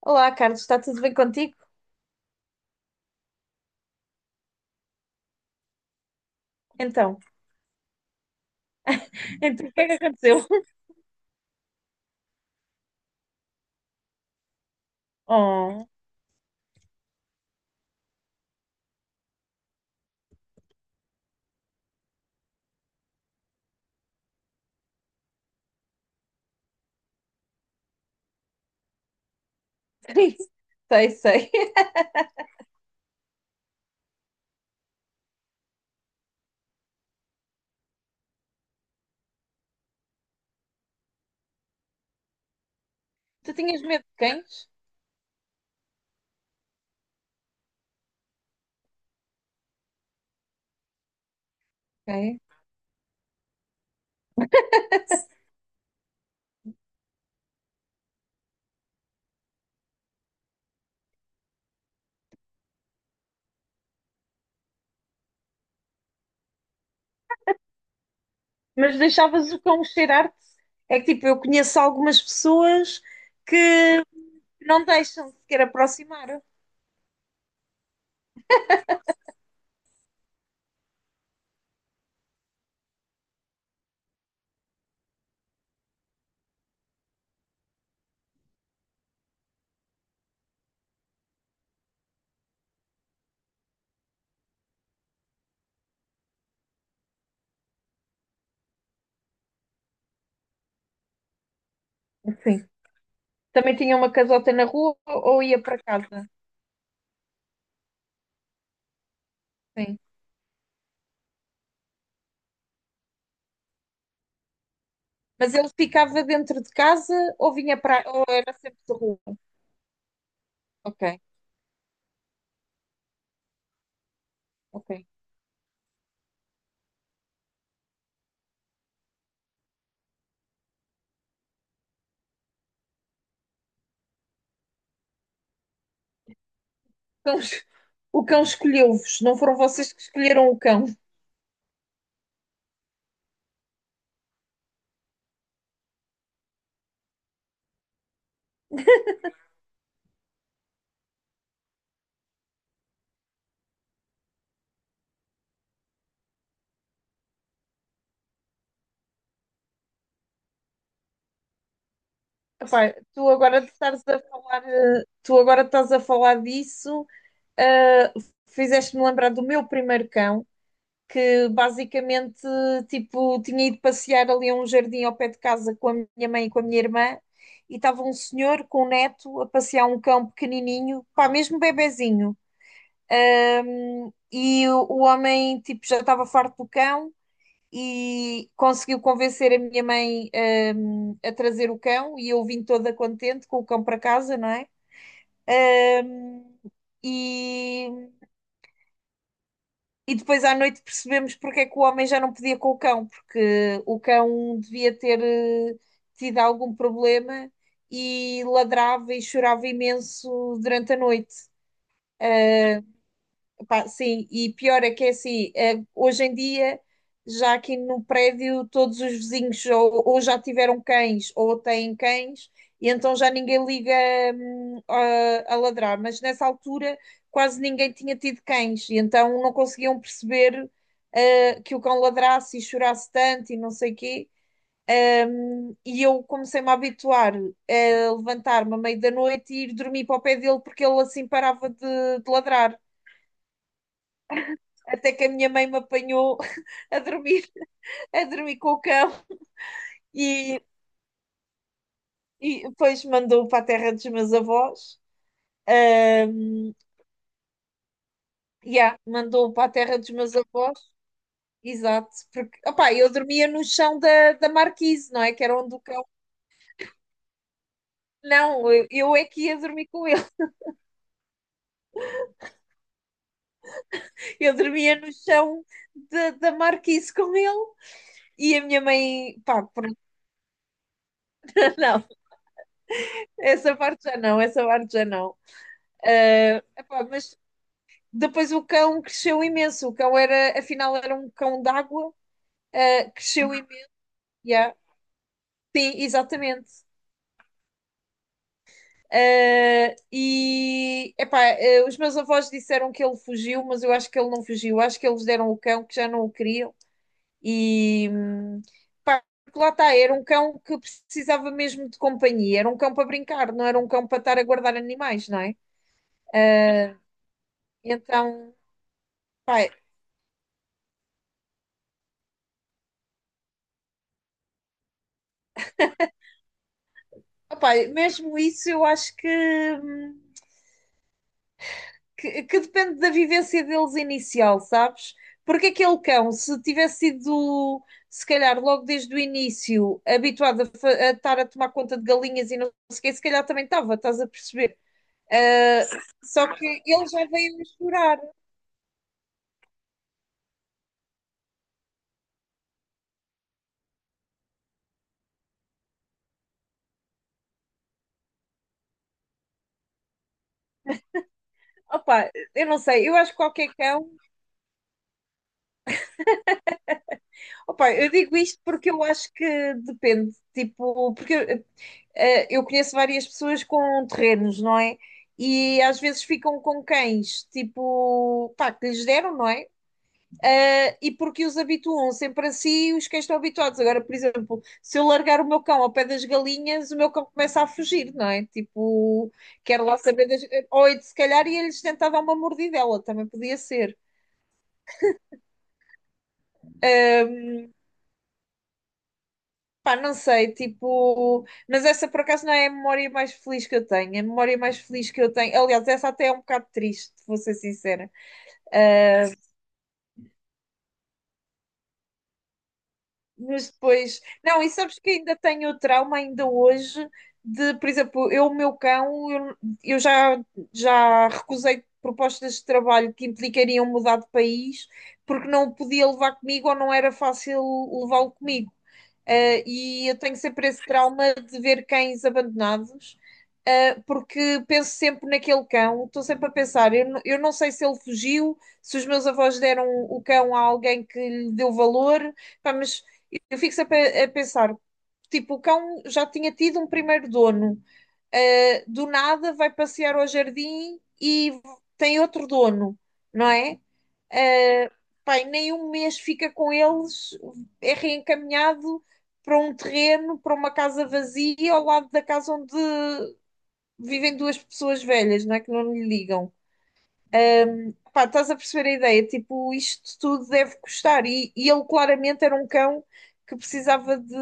Olá, Carlos, está tudo bem contigo? Então, então, o que é que aconteceu? Oh, sei, sei. Tu tinhas medo de cães? Ok. Mas deixavas o cão cheirar-te? É que tipo, eu conheço algumas pessoas que não deixam sequer aproximar. Sim. Também tinha uma casota na rua ou ia para casa. Sim. Mas ele ficava dentro de casa ou vinha para. Ou era sempre de rua? Ok, ok. Então, o cão escolheu-vos, não foram vocês que escolheram o cão. Epá, tu agora estás a falar disso, eh, fizeste-me lembrar do meu primeiro cão, que basicamente tipo, tinha ido passear ali a um jardim ao pé de casa com a minha mãe e com a minha irmã, e estava um senhor com um neto a passear um cão pequenininho, pá, mesmo bebezinho. E o homem tipo, já estava farto do cão e conseguiu convencer a minha mãe, a trazer o cão e eu vim toda contente com o cão para casa, não é? Hum, e, e depois à noite percebemos porque é que o homem já não podia com o cão, porque o cão devia ter tido algum problema e ladrava e chorava imenso durante a noite. Pá, sim, e pior é que é assim, hoje em dia, já aqui no prédio, todos os vizinhos ou já tiveram cães ou têm cães, e então já ninguém liga, a ladrar. Mas nessa altura quase ninguém tinha tido cães, e então não conseguiam perceber, que o cão ladrasse e chorasse tanto e não sei quê. E eu comecei-me a habituar a levantar-me à meia da noite e ir dormir para o pé dele porque ele assim parava de ladrar até que a minha mãe me apanhou a dormir, a dormir com o cão e, e depois mandou para a terra dos meus avós. Ahm, yeah, mandou para a terra dos meus avós, exato, porque opá, eu dormia no chão da marquise, não é? Que era onde o cão. Não, eu é que ia dormir com ele. Eu dormia no chão da marquise com ele e a minha mãe, pá, pronto, não, essa parte já não, essa parte já não. Ah, epá, mas depois o cão cresceu imenso. O cão era, afinal, era um cão d'água. Ah, cresceu imenso. Yeah. Sim, exatamente. Ah, e epá, ah, os meus avós disseram que ele fugiu, mas eu acho que ele não fugiu. Acho que eles deram o cão que já não o queriam. E pá, porque lá está, era um cão que precisava mesmo de companhia. Era um cão para brincar, não era um cão para estar a guardar animais, não é? Então, pá, opá, mesmo isso eu acho que depende da vivência deles inicial, sabes? Porque aquele cão, se tivesse sido, se calhar, logo desde o início, habituado a estar a tomar conta de galinhas e não sei o quê, se calhar também estava, estás a perceber? Ah, só que ele já veio a. Opa, eu não sei, eu acho que qualquer cão. Opa, eu digo isto porque eu acho que depende, tipo, porque eu conheço várias pessoas com terrenos, não é? E às vezes ficam com cães, tipo, pá, que lhes deram, não é? E porque os habituam sempre assim, os cães estão habituados. Agora, por exemplo, se eu largar o meu cão ao pé das galinhas, o meu cão começa a fugir, não é? Tipo, quero lá saber das. Ou se calhar ia-lhes tentar dar uma mordidela, também podia ser. Pá, não sei, tipo, mas essa por acaso não é a memória mais feliz que eu tenho. A memória mais feliz que eu tenho, aliás, essa até é um bocado triste, vou ser sincera. Mas depois, não, e sabes que ainda tenho o trauma ainda hoje de, por exemplo, eu, o meu cão, eu já recusei propostas de trabalho que implicariam mudar de país porque não o podia levar comigo ou não era fácil levá-lo comigo. E eu tenho sempre esse trauma de ver cães abandonados, porque penso sempre naquele cão, estou sempre a pensar, eu não sei se ele fugiu, se os meus avós deram o cão a alguém que lhe deu valor, pá, mas eu fico sempre a pensar, tipo, o cão já tinha tido um primeiro dono, do nada vai passear ao jardim e tem outro dono, não é? Uh, Pai, nem um mês fica com eles, é reencaminhado para um terreno, para uma casa vazia, ao lado da casa onde vivem duas pessoas velhas, não é? Que não lhe ligam. Pá, estás a perceber a ideia? Tipo, isto tudo deve custar. E ele claramente era um cão que precisava de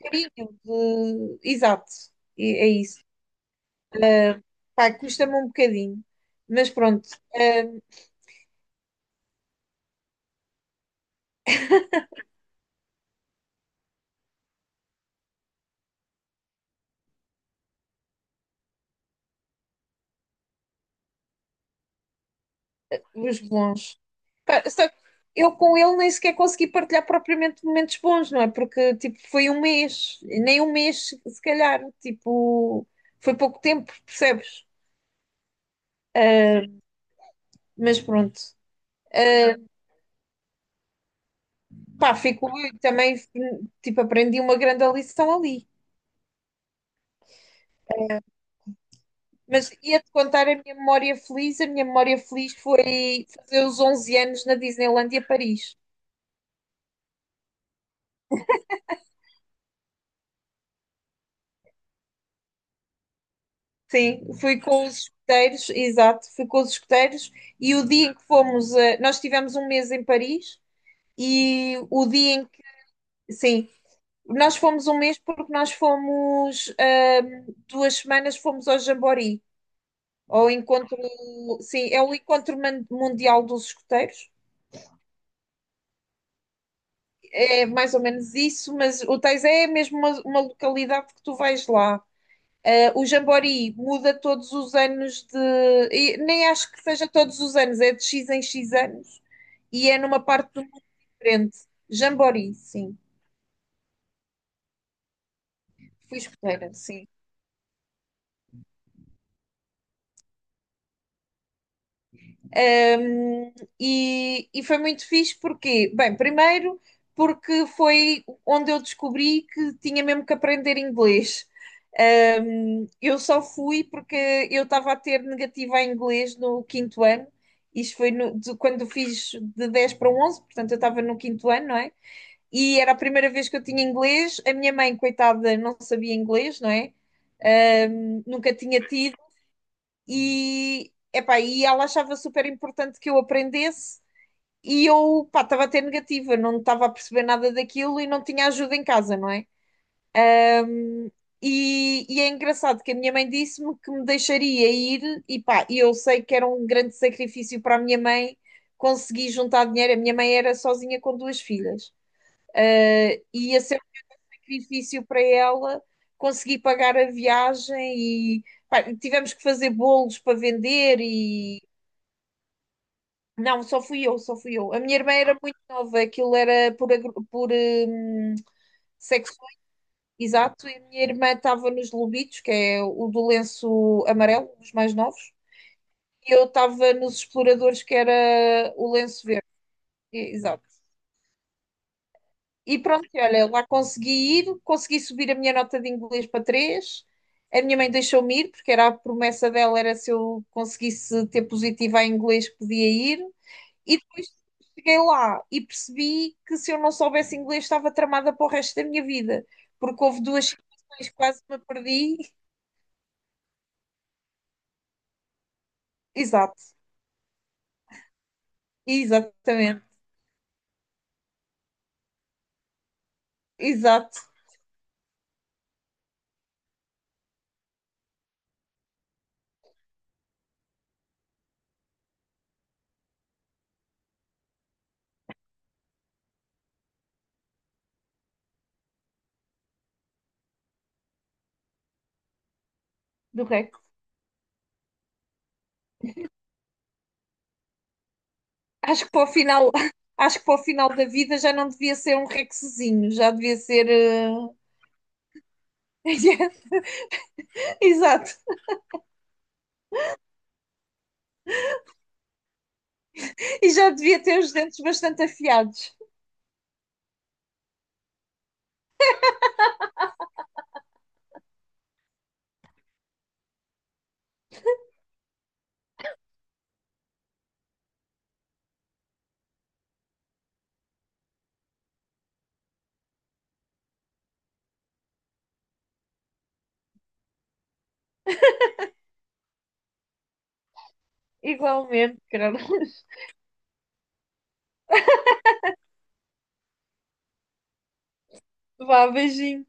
carinho, de... Exato, é isso. Pá, custa-me um bocadinho. Mas pronto, ah, os bons. Pá, só que eu com ele nem sequer consegui partilhar propriamente momentos bons, não é? Porque tipo, foi um mês, nem um mês, se calhar, tipo, foi pouco tempo, percebes? Mas pronto. Ah, pá, fico eu também, tipo, aprendi uma grande lição ali. Mas ia-te contar a minha memória feliz. A minha memória feliz foi fazer os 11 anos na Disneylandia Paris. Sim, fui com os escuteiros, exato, fui com os escuteiros e o dia em que fomos, nós tivemos um mês em Paris e o dia em que, sim, nós fomos um mês porque nós fomos, 2 semanas fomos ao Jamboree, ao encontro, sim, é o encontro mundial dos escuteiros, é mais ou menos isso, mas o Teis é mesmo uma, localidade que tu vais lá. O Jamboree muda todos os anos de. E nem acho que seja todos os anos, é de X em X anos e é numa parte do mundo diferente. Jamboree, sim. Fui escuteira, sim. Um, e foi muito fixe porque, bem, primeiro porque foi onde eu descobri que tinha mesmo que aprender inglês. Eu só fui porque eu estava a ter negativa em inglês no quinto ano. Isto foi quando fiz de 10 para um 11, portanto eu estava no quinto ano, não é? E era a primeira vez que eu tinha inglês. A minha mãe, coitada, não sabia inglês, não é? Nunca tinha tido. E, epá, ela achava super importante que eu aprendesse. E eu, pá, estava a ter negativa, não estava a perceber nada daquilo e não tinha ajuda em casa, não é? E é engraçado que a minha mãe disse-me que me deixaria ir, e pá, e eu sei que era um grande sacrifício para a minha mãe conseguir juntar dinheiro. A minha mãe era sozinha com duas filhas. E ia ser um sacrifício para ela conseguir pagar a viagem. E pá, tivemos que fazer bolos para vender. E não, só fui eu, só fui eu. A minha irmã era muito nova, aquilo era por sexo. Exato, e a minha irmã estava nos Lobitos, que é o do lenço amarelo, os mais novos, e eu estava nos Exploradores, que era o lenço verde. Exato. E pronto, e olha, lá consegui ir, consegui subir a minha nota de inglês para 3. A minha mãe deixou-me ir, porque era a promessa dela, era se eu conseguisse ter positiva em inglês, que podia ir. E depois cheguei lá e percebi que se eu não soubesse inglês, estava tramada para o resto da minha vida, porque houve duas situações que quase me perdi. Exato. Exatamente, exato, do Rex. Acho que para o final, acho que para o final da vida já não devia ser um Rexzinho, já devia ser. Exato, e já devia ter os dentes bastante afiados. Igualmente, Carlos. Vá, beijinho.